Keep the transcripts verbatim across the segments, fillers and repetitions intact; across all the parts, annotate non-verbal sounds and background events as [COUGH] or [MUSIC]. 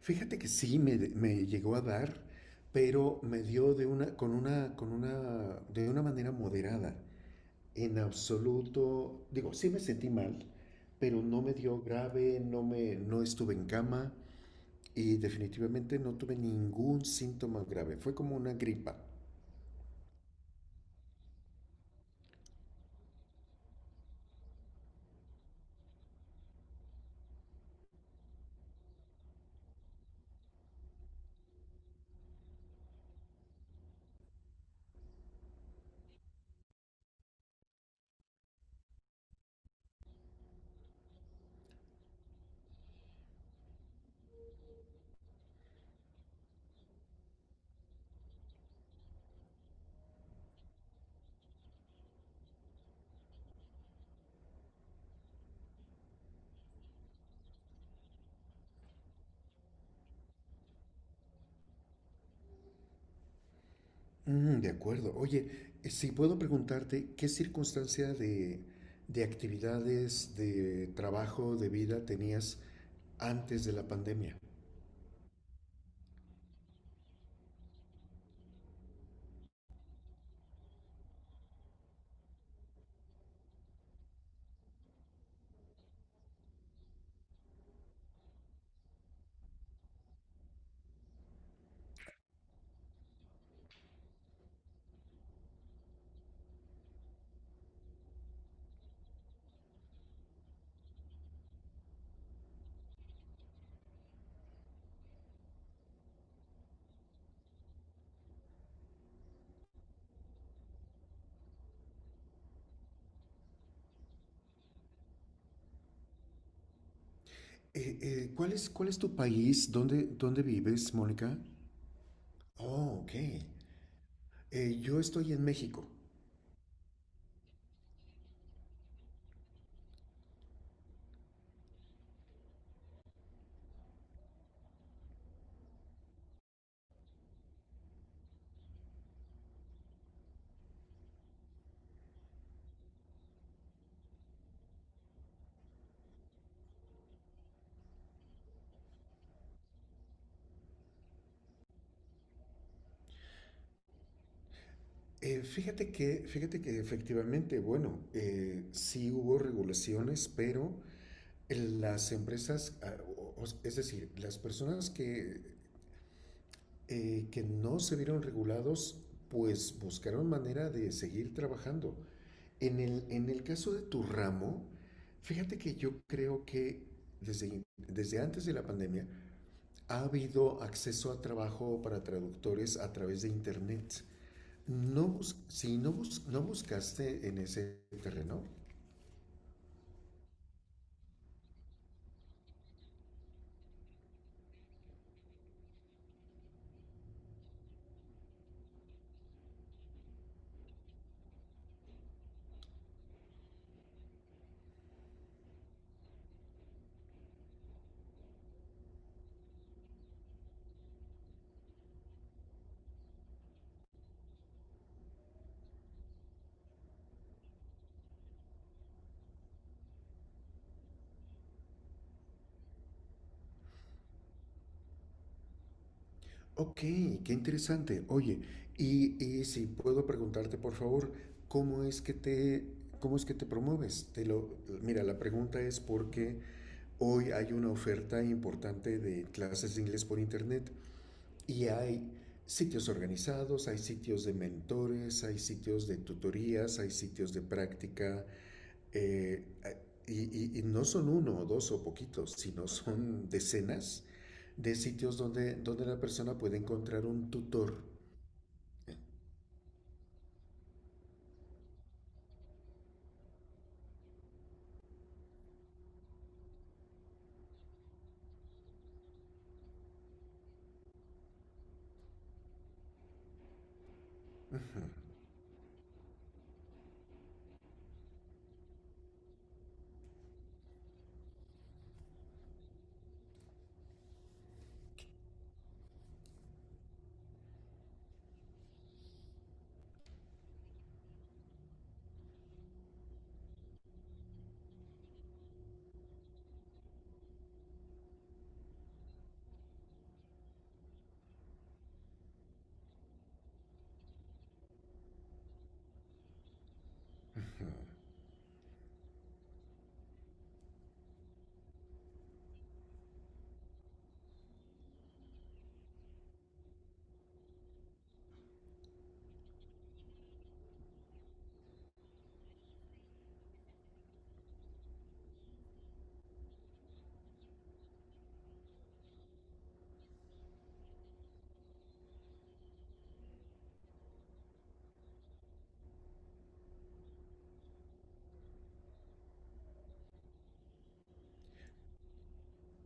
Fíjate que sí me, me llegó a dar, pero me dio de una, con una, con una, de una manera moderada. En absoluto, digo, sí me sentí mal, pero no me dio grave, no me, no estuve en cama y definitivamente no tuve ningún síntoma grave. Fue como una gripa. Mm, de acuerdo. Oye, eh, si puedo preguntarte, ¿qué circunstancia de, de actividades, de trabajo, de vida tenías antes de la pandemia? Eh, eh, ¿cuál es, cuál es tu país? ¿Dónde, dónde vives, Mónica? Oh, ok. Eh, yo estoy en México. Eh, fíjate que, fíjate que efectivamente, bueno, eh, sí hubo regulaciones, pero las empresas, ah, o- o- es decir, las personas que, eh, que no se vieron regulados, pues buscaron manera de seguir trabajando. En el, en el caso de tu ramo, fíjate que yo creo que desde, desde antes de la pandemia, ha habido acceso a trabajo para traductores a través de Internet. No, si no, bus- no buscaste en ese terreno. Ok, qué interesante. Oye, y, y si puedo preguntarte, por favor, ¿cómo es que te, cómo es que te promueves? Te lo, mira, la pregunta es porque hoy hay una oferta importante de clases de inglés por internet, y hay sitios organizados, hay sitios de mentores, hay sitios de tutorías, hay sitios de práctica, eh, y, y, y, no son uno o dos o poquitos, sino son decenas de sitios donde, donde la persona puede encontrar un tutor.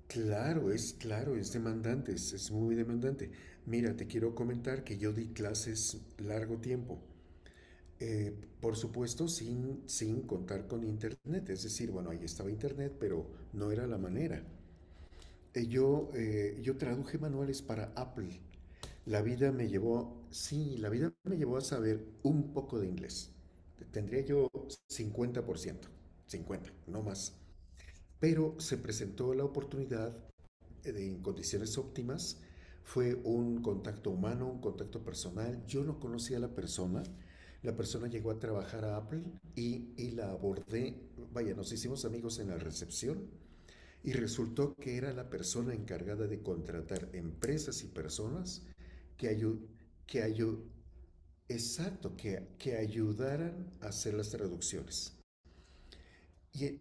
Claro, es claro, es demandante, es, es, muy demandante. Mira, te quiero comentar que yo di clases largo tiempo. Eh, por supuesto, sin, sin contar con internet. Es decir, bueno, ahí estaba internet, pero no era la manera. Eh, yo, eh, yo traduje manuales para Apple. La vida me llevó, sí, la vida me llevó a saber un poco de inglés. Tendría yo cincuenta por ciento, cincuenta, no más. Pero se presentó la oportunidad, eh, de, en condiciones óptimas. Fue un contacto humano, un contacto personal. Yo no conocía a la persona. La persona llegó a trabajar a Apple, y, y la abordé. Vaya, nos hicimos amigos en la recepción y resultó que era la persona encargada de contratar empresas y personas que, ayu- que, ayu- exacto, que, que ayudaran a hacer las traducciones. Y eh,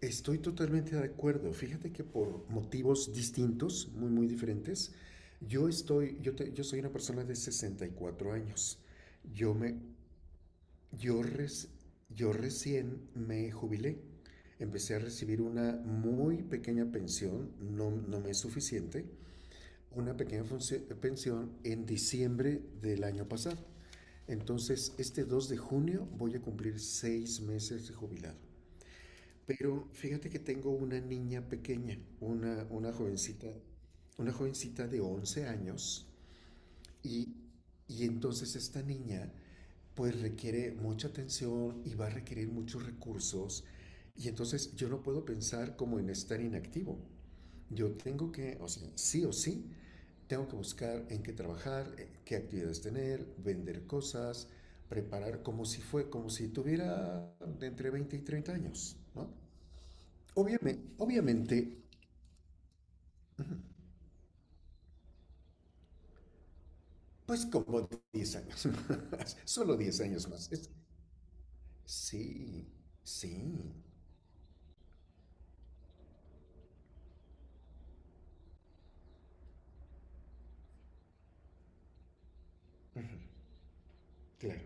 estoy totalmente de acuerdo. Fíjate que por motivos distintos, muy, muy diferentes, yo estoy, yo, te- yo soy una persona de sesenta y cuatro años. Yo me, Yo, reci- yo recién me jubilé. Empecé a recibir una muy pequeña pensión, no, no me es suficiente, una pequeña funci- pensión en diciembre del año pasado. Entonces, este dos de junio voy a cumplir seis meses de jubilado. Pero fíjate que tengo una niña pequeña, una, una jovencita, una jovencita de once años, y, y entonces esta niña pues requiere mucha atención y va a requerir muchos recursos. Y entonces yo no puedo pensar como en estar inactivo. Yo tengo que, o sea, sí o sí, tengo que buscar en qué trabajar, eh, qué actividades tener, vender cosas, preparar como si fue, como si tuviera de entre veinte y treinta años, ¿no? Obviamente, obviamente pues como diez años más, [LAUGHS] solo diez años más. Es- sí, sí, claro.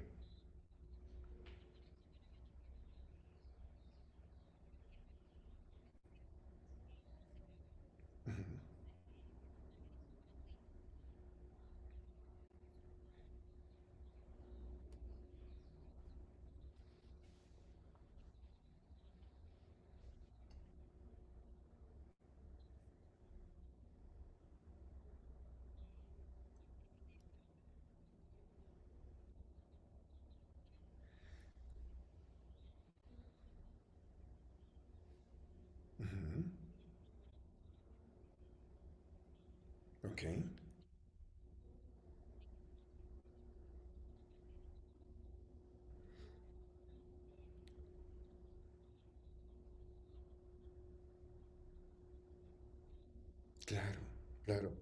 Ujú. Ok. Claro, claro.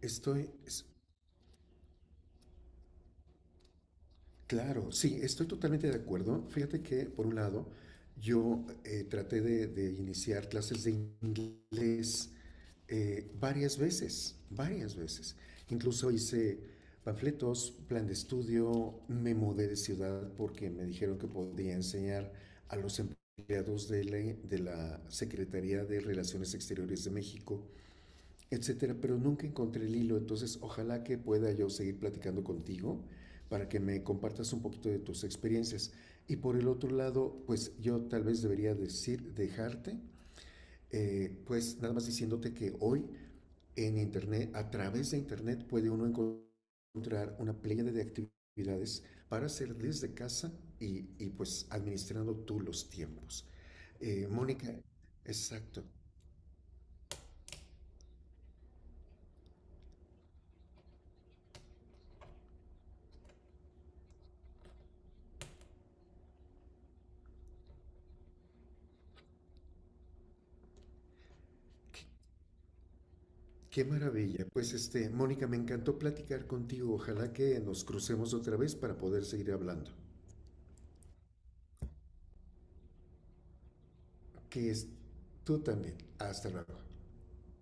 Estoy, es- claro, sí, estoy totalmente de acuerdo. Fíjate que, por un lado, yo eh, traté de, de iniciar clases de inglés, eh, varias veces, varias veces. Incluso hice panfletos, plan de estudio, me mudé de ciudad porque me dijeron que podía enseñar a los empleados de la, de la Secretaría de Relaciones Exteriores de México, etcétera, pero nunca encontré el hilo. Entonces, ojalá que pueda yo seguir platicando contigo para que me compartas un poquito de tus experiencias. Y por el otro lado, pues yo tal vez debería decir, dejarte, eh, pues nada más diciéndote que hoy en Internet, a través de Internet, puede uno encontrar una playa de actividades para hacer desde casa, y, y pues administrando tú los tiempos. Eh, Mónica, exacto. Qué maravilla. Pues este, Mónica, me encantó platicar contigo. Ojalá que nos crucemos otra vez para poder seguir hablando. Que es tú también. Hasta luego.